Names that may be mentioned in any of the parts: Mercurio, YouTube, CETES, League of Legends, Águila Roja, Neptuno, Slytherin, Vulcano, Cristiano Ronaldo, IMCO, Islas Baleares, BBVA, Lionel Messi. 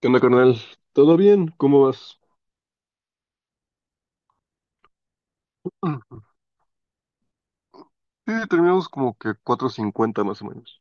¿Qué onda, carnal? ¿Todo bien? ¿Cómo vas? Mm. Sí, terminamos como que 4:50 más o menos.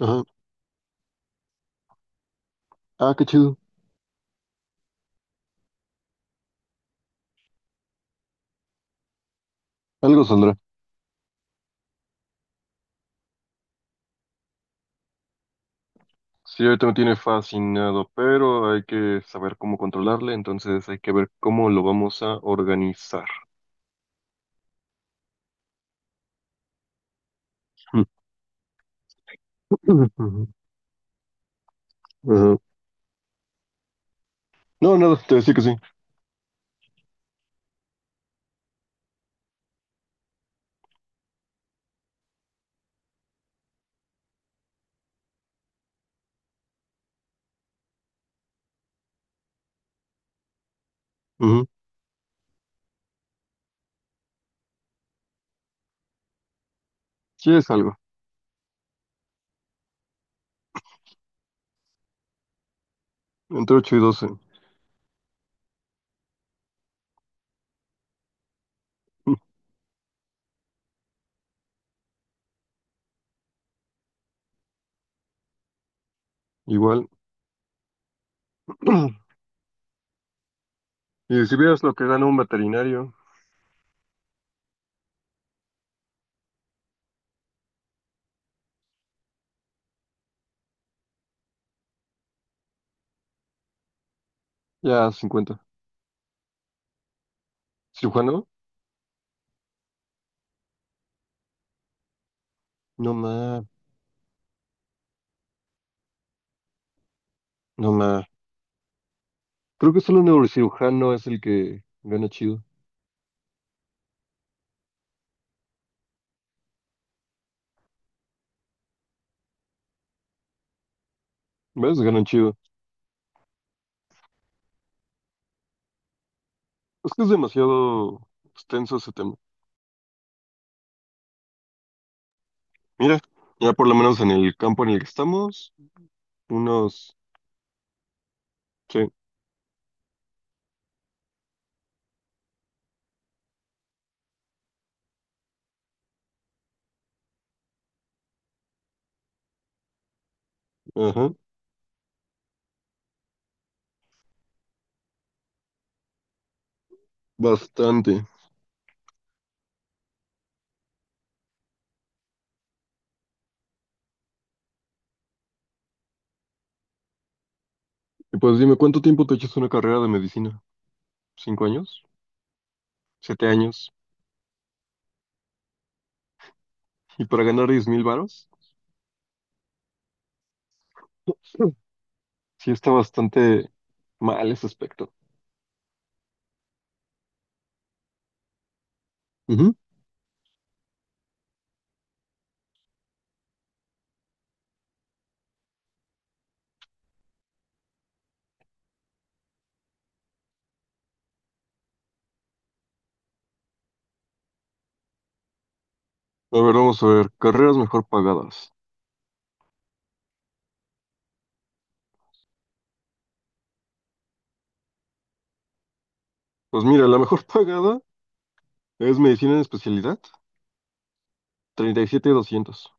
Ajá. Ah, qué chido. Algo saldrá. Sí, ahorita me tiene fascinado, pero hay que saber cómo controlarle, entonces hay que ver cómo lo vamos a organizar. Ujú. Ajá. No, nada, te decía que sí. Ujú. Sí, es algo. Entre ocho y 12. Igual. Y si vieras lo que gana un veterinario, ya 50. ¿Cirujano? No más, no más. Creo que solo un neurocirujano es el que gana chido. ¿Ves? Ganan chido. Es que es demasiado extenso ese tema. Mira, ya por lo menos en el campo en el que estamos, unos... Sí, ajá, bastante. Y pues dime, ¿cuánto tiempo te echas una carrera de medicina? ¿5 años? ¿7 años? ¿Y para ganar 10,000 varos? Sí, está bastante mal ese aspecto. Ujú. A ver, vamos a ver. Carreras mejor pagadas. Pues mira, la mejor pagada es medicina en especialidad, 37,200.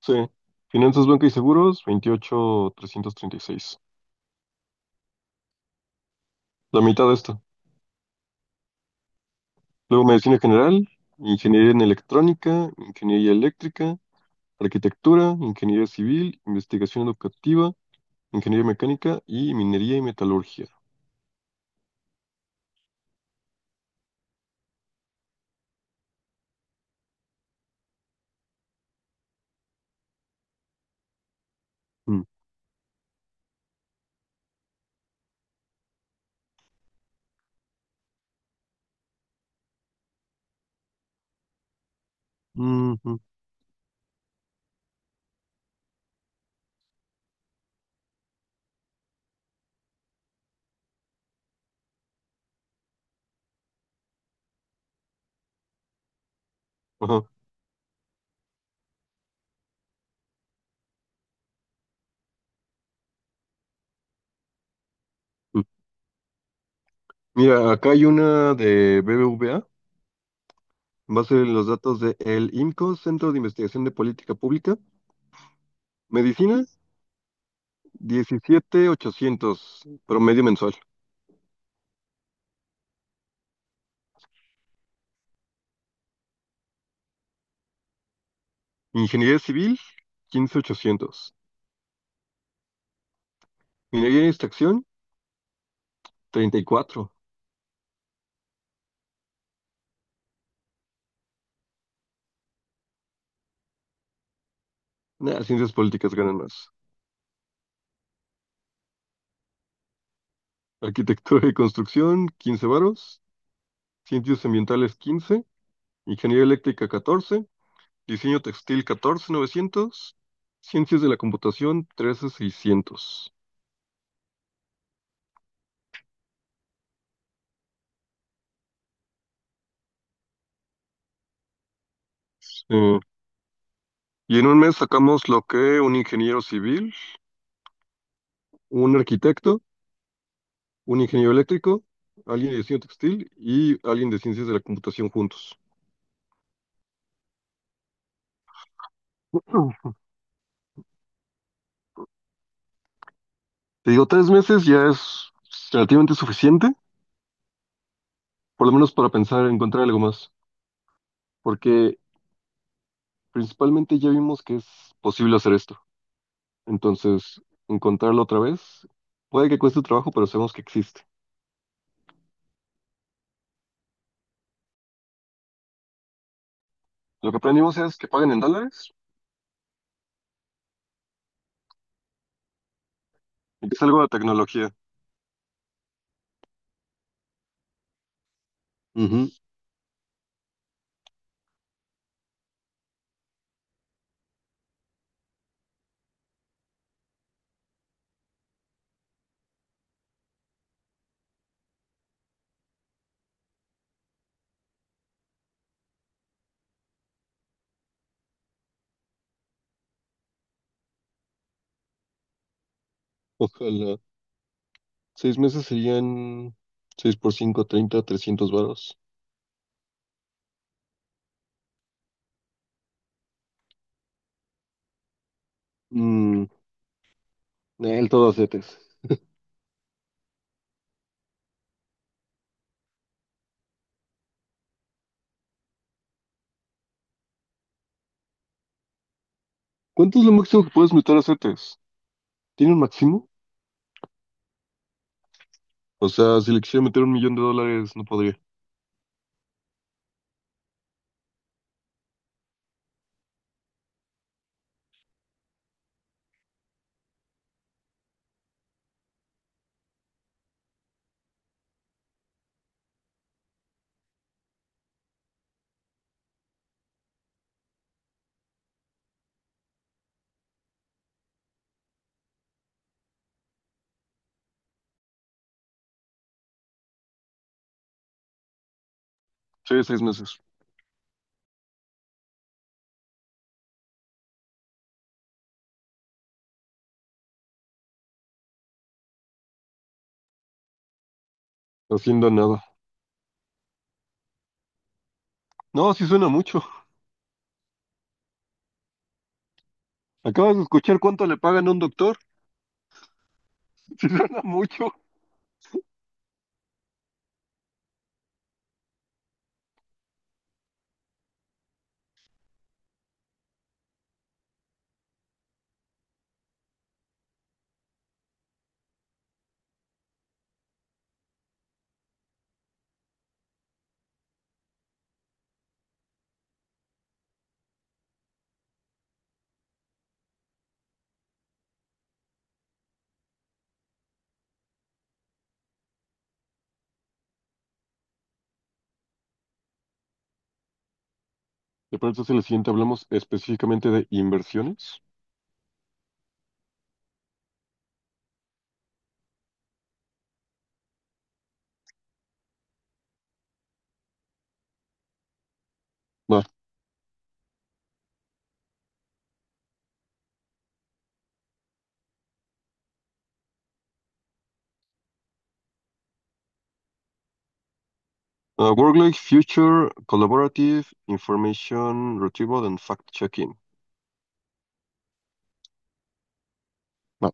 Sí. Finanzas, banca y seguros, 28,336. La mitad de esto. Luego medicina general, ingeniería en electrónica, ingeniería eléctrica, arquitectura, ingeniería civil, investigación educativa, ingeniería mecánica y minería y metalurgia. Mm. Mm, mm, ajá. Mm. Mira, acá hay una de BBVA, en base a los datos de el IMCO, Centro de Investigación de Política Pública, medicina, 17,800 promedio mensual. Ingeniería civil, 15,800. Minería y extracción, 34. Nah, ciencias políticas ganan más. Arquitectura y construcción, 15 varos. Ciencias ambientales, 15. Ingeniería eléctrica, 14. Diseño textil, 14,900. Ciencias de la computación, 13,600. Eh, y en un mes sacamos lo que un ingeniero civil, un arquitecto, un ingeniero eléctrico, alguien de diseño textil y alguien de ciencias de la computación juntos. Te digo, 3 meses ya es relativamente suficiente. Por lo menos para pensar, encontrar algo más, porque principalmente ya vimos que es posible hacer esto. Entonces, encontrarlo otra vez, puede que cueste trabajo, pero sabemos que existe. Lo que aprendimos es que paguen en dólares y que es algo de tecnología. Ujú. Ojalá. 6 meses serían 6 por 5, 30, 300 varos. Mm, el todo acetes. ¿Cuánto es lo máximo que puedes meter a CETES? ¿Tiene un máximo? O sea, si le quisiera meter un millón de dólares, no podría. Sí, 6 meses. Haciendo nada. No, sí suena mucho. Acabas de escuchar cuánto le pagan a un doctor. Si suena mucho. ¿Te parece si en el siguiente hablamos específicamente de inversiones? Va. Work-Life Future Collaborative Information Retrieval and Fact-Checking. Va.